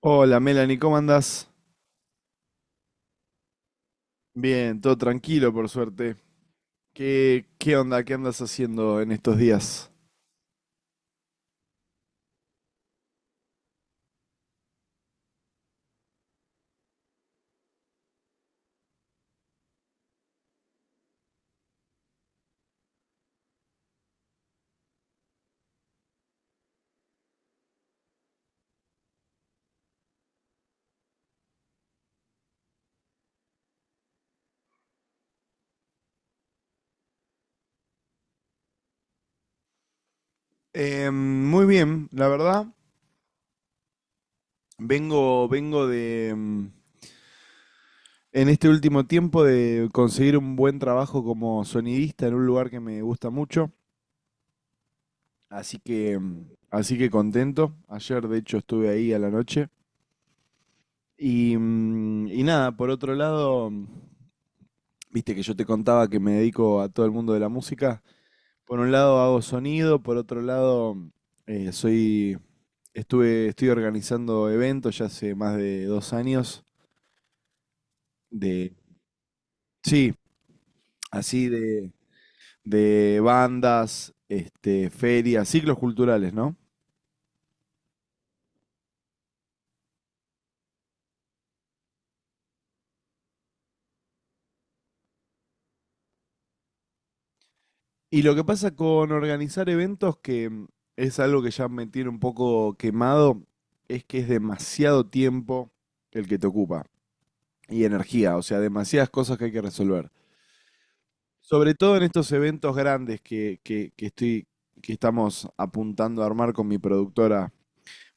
Hola Melanie, ¿cómo andás? Bien, todo tranquilo por suerte. ¿Qué onda? ¿Qué andas haciendo en estos días? Em, muy bien, la verdad. Vengo de en este último tiempo de conseguir un buen trabajo como sonidista en un lugar que me gusta mucho. Así que, así que contento. Ayer, de hecho, estuve ahí a la noche. Y y nada, por otro lado, viste que yo te contaba que me dedico a todo el mundo de la música. Por un lado hago sonido, por otro lado eh, soy, estoy organizando eventos ya hace más de dos años de, sí, así de bandas, este, ferias, ciclos culturales, ¿no? Y lo que pasa con organizar eventos, que es algo que ya me tiene un poco quemado, es que es demasiado tiempo el que te ocupa y energía, o sea, demasiadas cosas que hay que resolver. Sobre todo en estos eventos grandes que estoy, que estamos apuntando a armar con mi productora.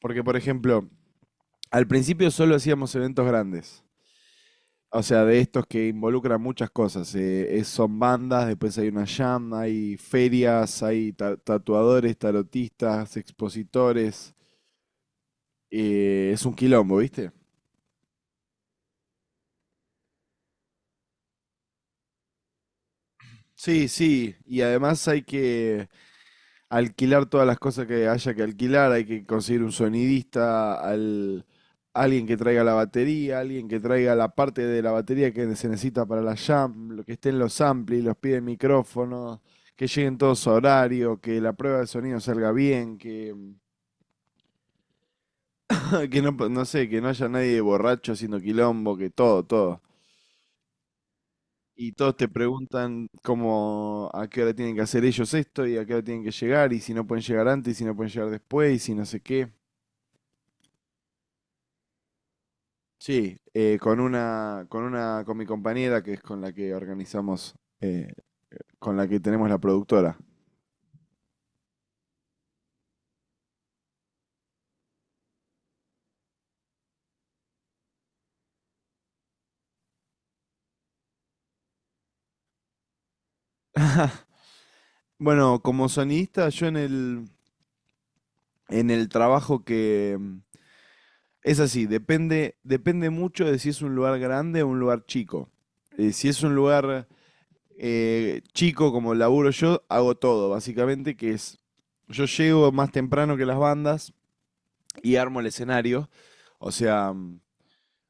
Porque, por ejemplo, al principio solo hacíamos eventos grandes. O sea, de estos que involucran muchas cosas. Son bandas, después hay una jam, hay ferias, hay tatuadores, tarotistas, expositores. Es un quilombo, ¿viste? Sí, sí. Y además hay que alquilar todas las cosas que haya que alquilar, hay que conseguir un sonidista, alguien que traiga la batería, alguien que traiga la parte de la batería que se necesita para la jam, lo que estén los amplis, los pies de micrófono, que lleguen todos a horario, que la prueba de sonido salga bien, que, que no, no sé, que no haya nadie borracho haciendo quilombo, que todo, todo. Y todos te preguntan cómo, a qué hora tienen que hacer ellos esto y a qué hora tienen que llegar y si no pueden llegar antes y si no pueden llegar después y si no sé qué. Sí, con mi compañera que es con la que organizamos, con la que tenemos la productora. Bueno, como sonidista, yo en el trabajo que es así, depende mucho de si es un lugar grande o un lugar chico. Si es un lugar chico como laburo yo, hago todo, básicamente, que es, yo llego más temprano que las bandas y armo el escenario. O sea,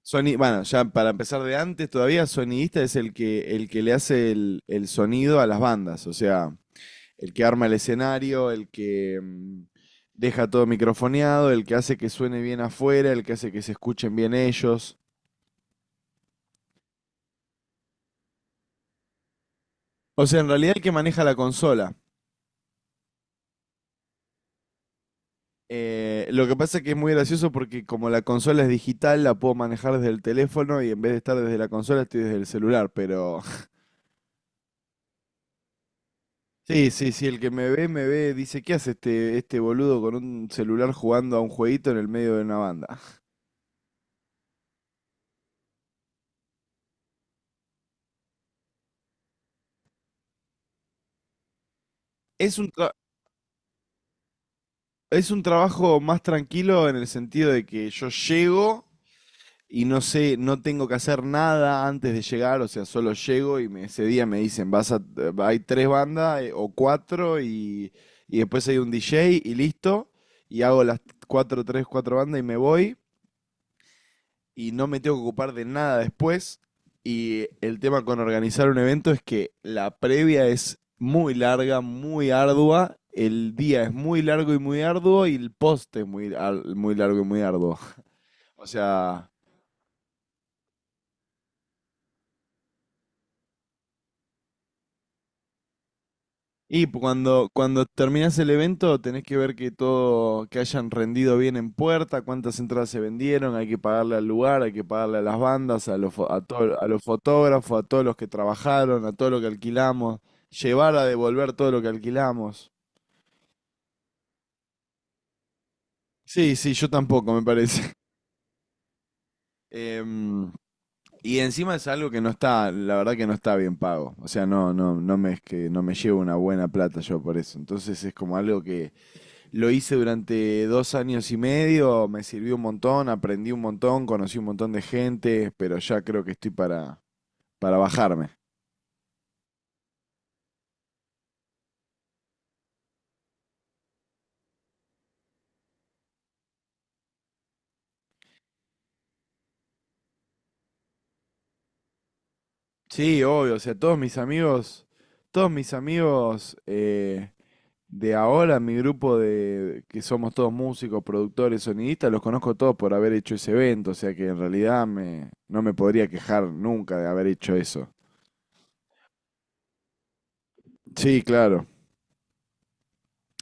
Sony, bueno, ya para empezar de antes todavía, sonidista es el que le hace el sonido a las bandas, o sea, el que arma el escenario, el que deja todo microfoneado, el que hace que suene bien afuera, el que hace que se escuchen bien ellos. O sea, en realidad el que maneja la consola. Lo que pasa es que es muy gracioso porque como la consola es digital, la puedo manejar desde el teléfono y en vez de estar desde la consola estoy desde el celular, pero... Sí, sí, sí, el que me ve, dice, ¿qué hace este boludo con un celular jugando a un jueguito en el medio de una banda? Es un, tra- es un trabajo más tranquilo en el sentido de que yo llego y no sé, no tengo que hacer nada antes de llegar, o sea, solo llego y ese día me dicen, hay tres bandas o cuatro y después hay un DJ y listo, y hago las cuatro, cuatro bandas y me voy. Y no me tengo que ocupar de nada después. Y el tema con organizar un evento es que la previa es muy larga, muy ardua, el día es muy largo y muy arduo y el post es muy, muy largo y muy arduo. O sea, y cuando, cuando terminás el evento tenés que ver que todo, que hayan rendido bien en puerta, cuántas entradas se vendieron, hay que pagarle al lugar, hay que pagarle a las bandas, a a los fotógrafos, a todos los que trabajaron, a todo lo que alquilamos, llevar a devolver todo lo que alquilamos. Sí, sí, yo tampoco, me parece. Em, y encima es algo que no está, la verdad que no está bien pago. O sea, no me es que no me llevo una buena plata yo por eso. Entonces es como algo que lo hice durante dos años y medio, me sirvió un montón, aprendí un montón, conocí un montón de gente, pero ya creo que estoy para bajarme. Sí, obvio, o sea, todos mis amigos de ahora, mi grupo de que somos todos músicos, productores, sonidistas, los conozco todos por haber hecho ese evento, o sea que en realidad me, no me podría quejar nunca de haber hecho eso. Sí, claro.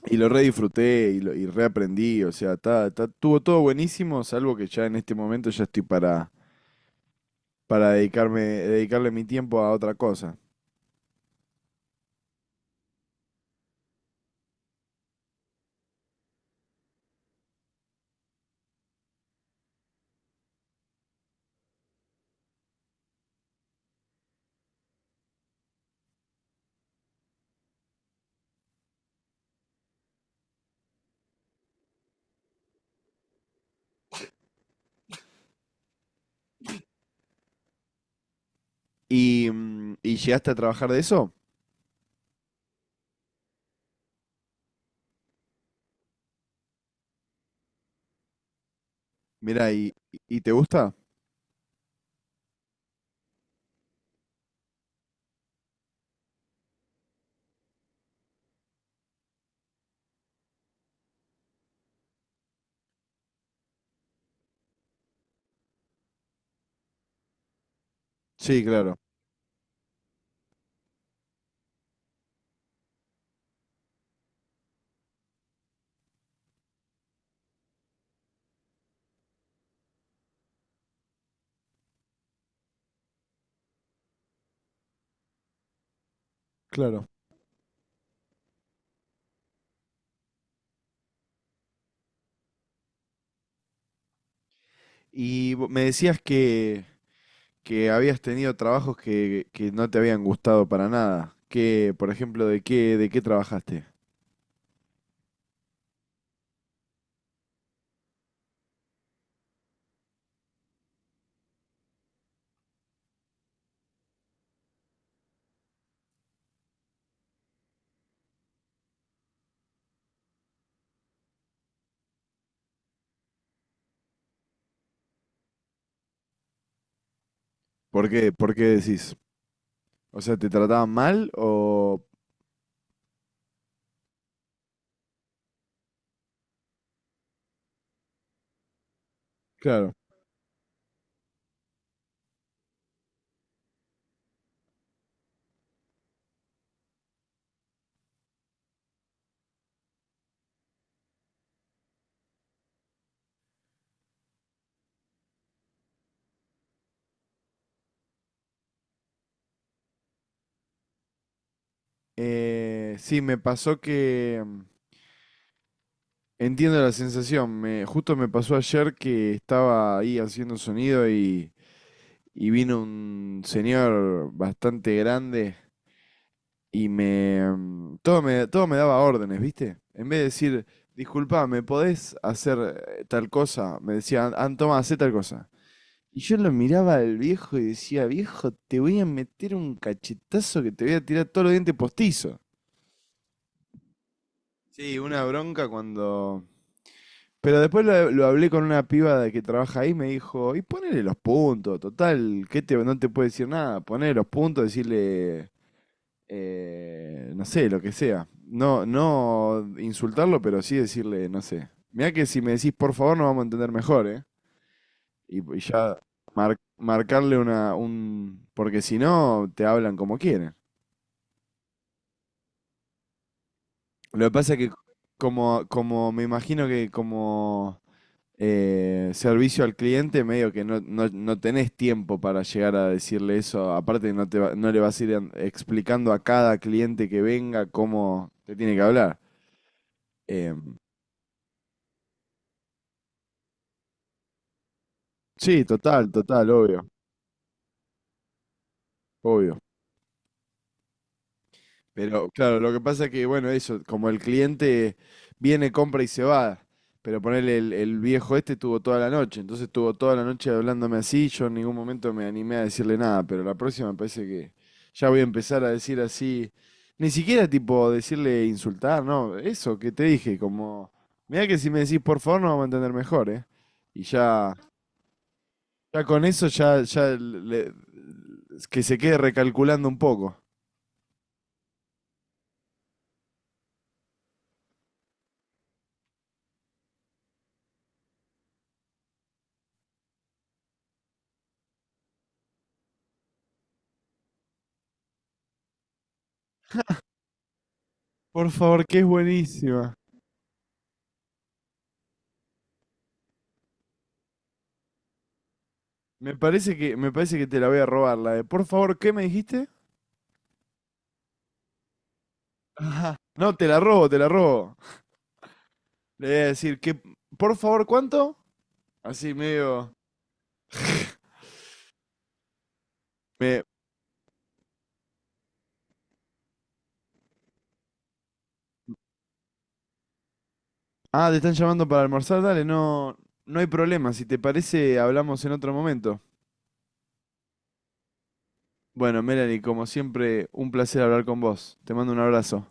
Y lo redisfruté y y reaprendí, o sea, estuvo todo buenísimo, salvo que ya en este momento ya estoy para dedicarme, dedicarle mi tiempo a otra cosa. ¿Y, y llegaste a trabajar de eso? Mira, y te gusta? Sí, claro, claro. Me decías que habías tenido trabajos que no te habían gustado para nada. Que, por ejemplo, ¿de qué trabajaste? ¿Por qué decís? O sea, ¿te trataban mal o...? Claro. Sí, me pasó que entiendo la sensación. Me, justo me pasó ayer que estaba ahí haciendo sonido y vino un señor bastante grande y me, mm, todo me daba órdenes, ¿viste? En vez de decir, disculpa, ¿me podés hacer tal cosa? Me decía, toma, hacé tal cosa". Y yo lo miraba al viejo y decía, viejo, te voy a meter un cachetazo que te voy a tirar todos los dientes postizos. Sí, una bronca cuando pero después lo hablé con una piba de que trabaja ahí, me dijo, y ponele los puntos, total, que te, no te puede decir nada, ponele los puntos, decirle, no sé, lo que sea. No, no insultarlo, pero sí decirle, no sé. Mirá que si me decís por favor nos vamos a entender mejor, ¿eh? Y ya marcarle una, un... Porque si no, te hablan como quieren. Lo que pasa es que como me imagino que como... servicio al cliente, medio que no tenés tiempo para llegar a decirle eso. Aparte, no, no le vas a ir explicando a cada cliente que venga cómo te tiene que hablar. Em, sí, total, total, obvio, obvio. Pero claro, lo que pasa que, bueno, eso, como el cliente viene, compra y se va, pero ponele, el viejo este tuvo toda la noche, entonces tuvo toda la noche hablándome así, yo en ningún momento me animé a decirle nada, pero la próxima me parece que ya voy a empezar a decir así, ni siquiera tipo decirle insultar, no, eso que te dije, como, mira que si me decís por favor no vamos a entender mejor, ¿eh? Y ya, ya con eso ya, que se quede recalculando un poco. Por favor, que es buenísima. Me parece me parece que te la voy a robar, la de, por favor, ¿qué me dijiste? Ajá. No, te la robo, te la robo. Le voy a decir que, por favor, ¿cuánto? Así medio, me, ah, te están llamando para almorzar, dale, no, no hay problema, si te parece, hablamos en otro momento. Bueno, Melanie, como siempre, un placer hablar con vos. Te mando un abrazo.